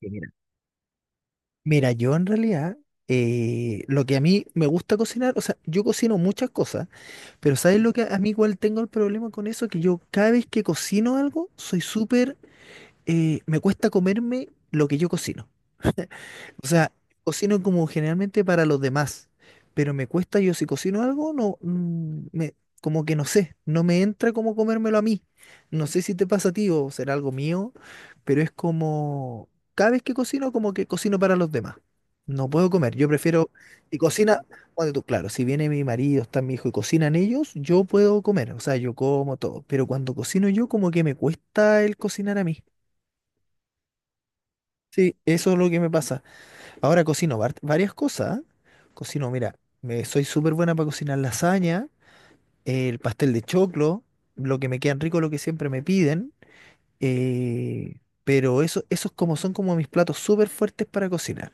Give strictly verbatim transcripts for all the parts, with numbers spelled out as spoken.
Que Mira, mira, yo en realidad, eh, lo que a mí me gusta cocinar, o sea, yo cocino muchas cosas, pero ¿sabes lo que a mí igual tengo el problema con eso? Que yo cada vez que cocino algo, soy súper, eh, me cuesta comerme lo que yo cocino. O sea, cocino como generalmente para los demás, pero me cuesta, yo si cocino algo, no, mm, me, como que no sé, no me entra como comérmelo a mí. No sé si te pasa a ti o será algo mío, pero es como, cada vez que cocino, como que cocino para los demás. No puedo comer, yo prefiero, y cocina, bueno, tú, claro, si viene mi marido, está mi hijo y cocinan ellos, yo puedo comer, o sea, yo como todo, pero cuando cocino yo, como que me cuesta el cocinar a mí. Sí, eso es lo que me pasa. Ahora cocino var- varias cosas. Cocino, mira, me, soy súper buena para cocinar lasaña, el pastel de choclo, lo que me quedan rico, lo que siempre me piden. eh, pero eso, esos como son como mis platos súper fuertes para cocinar.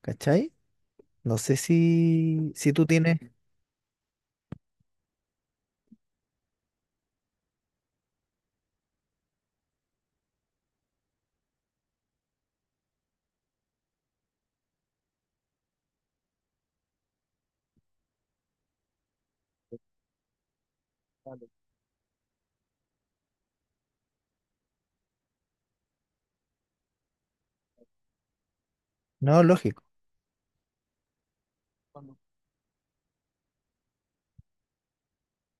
¿Cachai? No sé si, si tú tienes. No, lógico. Yo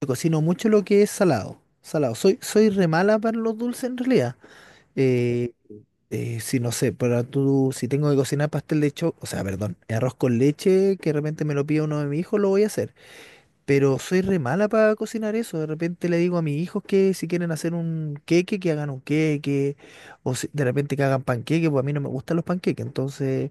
cocino mucho lo que es salado. Salado. Soy, soy re mala para los dulces en realidad. Eh, Eh, sí, no sé, pero tú, si tengo que cocinar pastel de cho, o sea, perdón, arroz con leche, que de repente me lo pide uno de mis hijos, lo voy a hacer. Pero soy re mala para cocinar eso. De repente le digo a mis hijos que si quieren hacer un queque, que hagan un queque. O si, de repente que hagan panqueque, pues a mí no me gustan los panqueques. Entonces,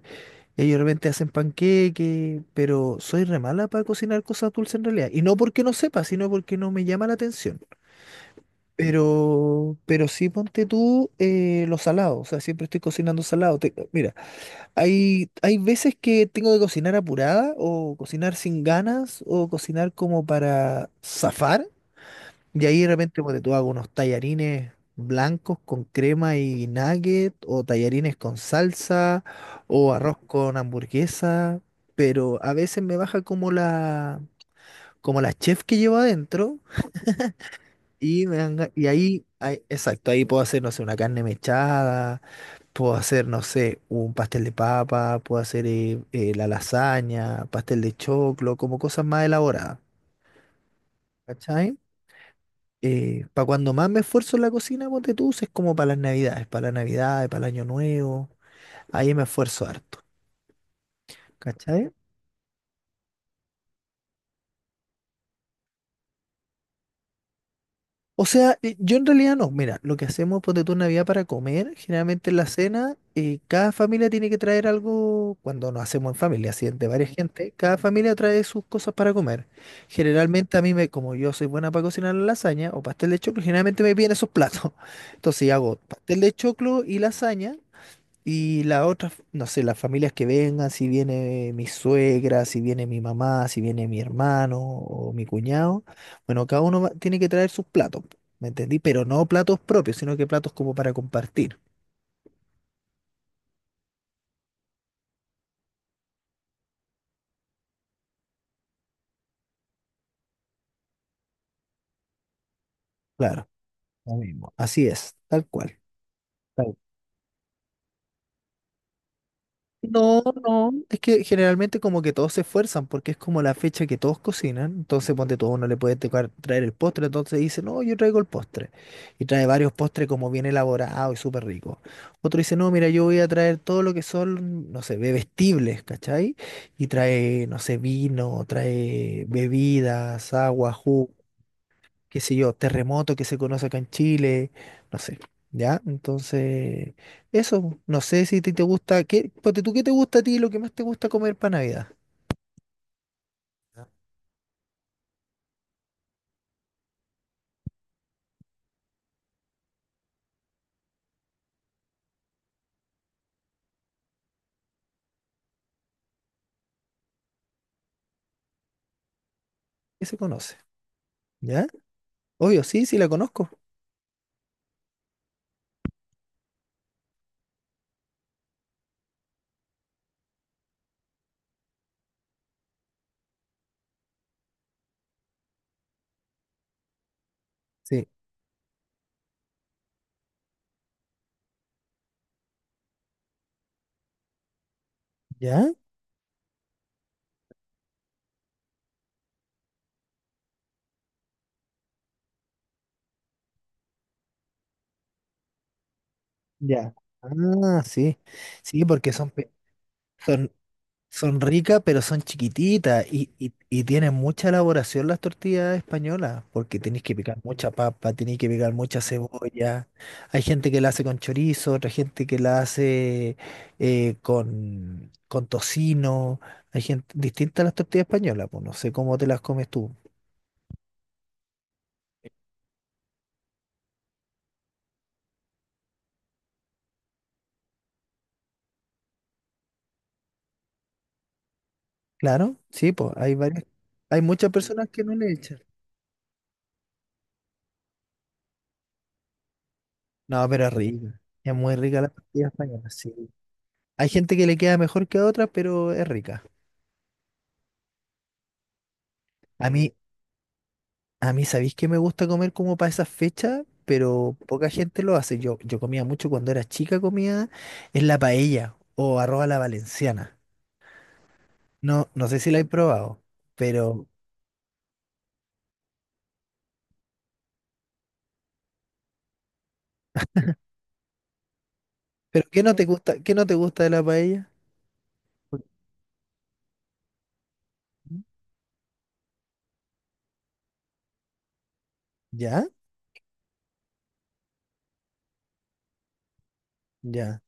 ellos de repente hacen panqueque, pero soy re mala para cocinar cosas dulces en realidad. Y no porque no sepa, sino porque no me llama la atención. Pero, pero sí ponte tú eh, lo salado, o sea, siempre estoy cocinando salado. Te- mira, hay, hay veces que tengo que cocinar apurada o cocinar sin ganas o cocinar como para zafar. Y ahí de repente ponte tú hago unos tallarines blancos con crema y nugget o tallarines con salsa o arroz con hamburguesa. Pero a veces me baja como la, como la chef que llevo adentro. Y, me dan ga- y ahí, ahí- exacto, ahí puedo hacer, no sé, una carne mechada, puedo hacer, no sé, un pastel de papa, puedo hacer eh, eh, la lasaña, pastel de choclo, como cosas más elaboradas, ¿cachai? Para cuando más me esfuerzo en la cocina, ponte tú, es como para las navidades, para las navidades, para el año nuevo, ahí me esfuerzo harto, ¿cachai? O sea, eh, yo en realidad no. Mira, lo que hacemos, ponte tú, en Navidad para comer, generalmente en la cena, eh, cada familia tiene que traer algo, cuando nos hacemos en familia, así de varias gente, cada familia trae sus cosas para comer. Generalmente a mí, me, como yo soy buena para cocinar la lasaña o pastel de choclo, generalmente me piden esos platos. Entonces yo hago pastel de choclo y lasaña, y la otra, no sé, las familias que vengan, si viene mi suegra, si viene mi mamá, si viene mi hermano o mi cuñado, bueno, cada uno va- tiene que traer sus platos, ¿me entendí? Pero no platos propios, sino que platos como para compartir. Claro, lo mismo. Así es, tal cual. Tal No, no, es que generalmente como que todos se esfuerzan porque es como la fecha que todos cocinan, entonces ponte todo uno le puede tocar traer el postre, entonces dice, no, yo traigo el postre, y trae varios postres como bien elaborado y súper rico. Otro dice, no, mira, yo voy a traer todo lo que son, no sé, bebestibles, ¿cachai? Y trae, no sé, vino, trae bebidas, agua, jugo, qué sé yo, terremoto que se conoce acá en Chile, no sé, ¿ya? Entonces, eso, no sé si te, te gusta, ¿qué, ponte tú, ¿qué te gusta a ti, lo que más te gusta comer para Navidad? ¿Qué se conoce? ¿Ya? Obvio, sí, sí la conozco. Sí. ¿Ya? Ya. Ah, sí. Sí, porque son, pe- son- Son ricas, pero son chiquititas y, y, y tienen mucha elaboración las tortillas españolas, porque tenéis que picar mucha papa, tenéis que picar mucha cebolla. Hay gente que la hace con chorizo, otra gente que la hace eh, con, con tocino. Hay gente distinta a las tortillas españolas, pues no sé cómo te las comes tú. Claro, sí, pues hay varias, hay muchas personas que no le echan. No, pero es rica, es muy rica la tortilla española, sí. Hay gente que le queda mejor que a otras, pero es rica. A mí, A mí, ¿sabéis que me gusta comer como para esas fechas? Pero poca gente lo hace. Yo, yo comía mucho cuando era chica, comía en la paella o arroz a la valenciana. No, no sé si la he probado, pero, pero ¿qué no te gusta, ¿qué no te gusta de la paella? ¿Por qué? ¿Ya? Ya.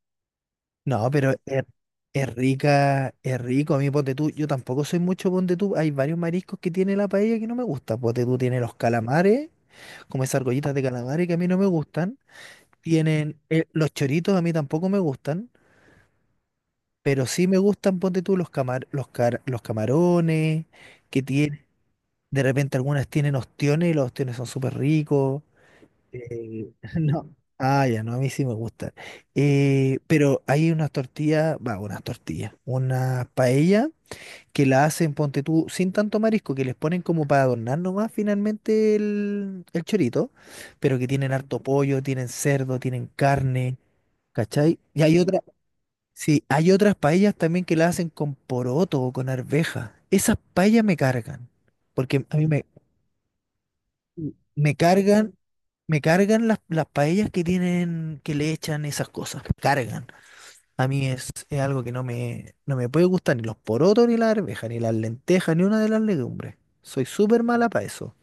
No, pero es, es rica, es rico. A mí, ponte tú, yo tampoco soy mucho ponte tú. Hay varios mariscos que tiene la paella que no me gusta. Ponte tú tiene los calamares, como esas argollitas de calamares que a mí no me gustan. Tienen, eh, los choritos a mí tampoco me gustan, pero sí me gustan, ponte tú, los camar, los car- los camarones, que tienen, de repente algunas tienen ostiones y los ostiones son súper ricos. Eh, no. Ah, ya, no, a mí sí me gustan. Eh, pero hay unas tortillas, va, unas tortillas, una paella que la hacen, ponte tú, sin tanto marisco, que les ponen como para adornar nomás finalmente el, el chorito, pero que tienen harto pollo, tienen cerdo, tienen carne. ¿Cachai? Y hay otra, sí, hay otras paellas también que la hacen con poroto o con arveja. Esas paellas me cargan, porque a mí me, me cargan, me cargan las, las paellas que tienen, que le echan esas cosas, me cargan. A mí es, es algo que no me, no me puede gustar, ni los porotos, ni la arveja, ni las lentejas, ni una de las legumbres. Soy súper mala para eso.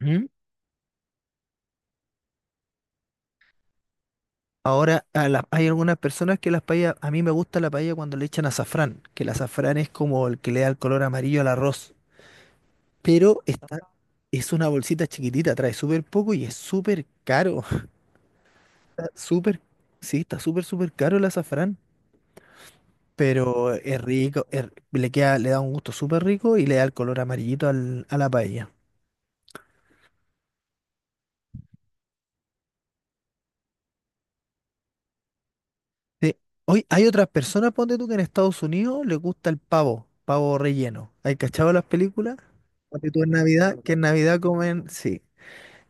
¿Mm? Ahora, a la- hay algunas personas que las paellas, a mí me gusta la paella cuando le echan azafrán, que el azafrán es como el que le da el color amarillo al arroz. Pero está, es una bolsita chiquitita, trae súper poco y es súper caro. Está súper, sí, está súper, súper caro el azafrán, pero es rico, es- le queda, le da un gusto súper rico y le da el color amarillito al- a la paella. Sí. Hoy hay otras personas, ponte tú, que en Estados Unidos les gusta el pavo, pavo relleno. ¿Hay cachado las películas? Ponte tú en Navidad, que en Navidad comen, sí.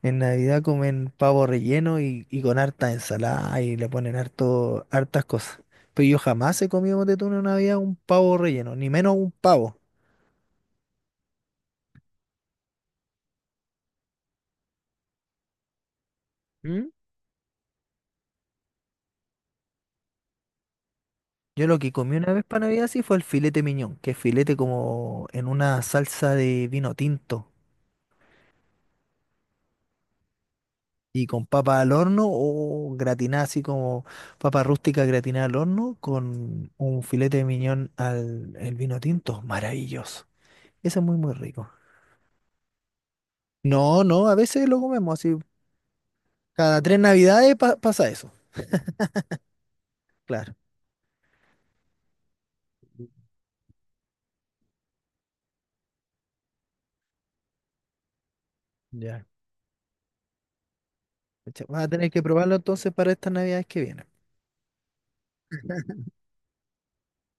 En Navidad comen pavo relleno y, y con harta ensalada y le ponen harto, hartas cosas. Pero yo jamás he comido de en Navidad un pavo relleno, ni menos un pavo. ¿Mm? Yo lo que comí una vez para Navidad sí fue el filete miñón, que es filete como en una salsa de vino tinto y con papa al horno o gratinada así como papa rústica gratinada al horno con un filete de miñón al el vino tinto. Maravilloso. Eso es muy, muy rico. No, no, a veces lo comemos así. Cada tres navidades pa- pasa eso, claro. Ya. Pucha, vas a tener que probarlo entonces para estas navidades que vienen.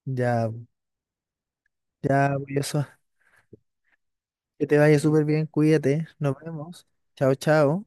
Ya, ya, pues, eso. Que te vaya súper bien, cuídate. Nos vemos. Chao, chao.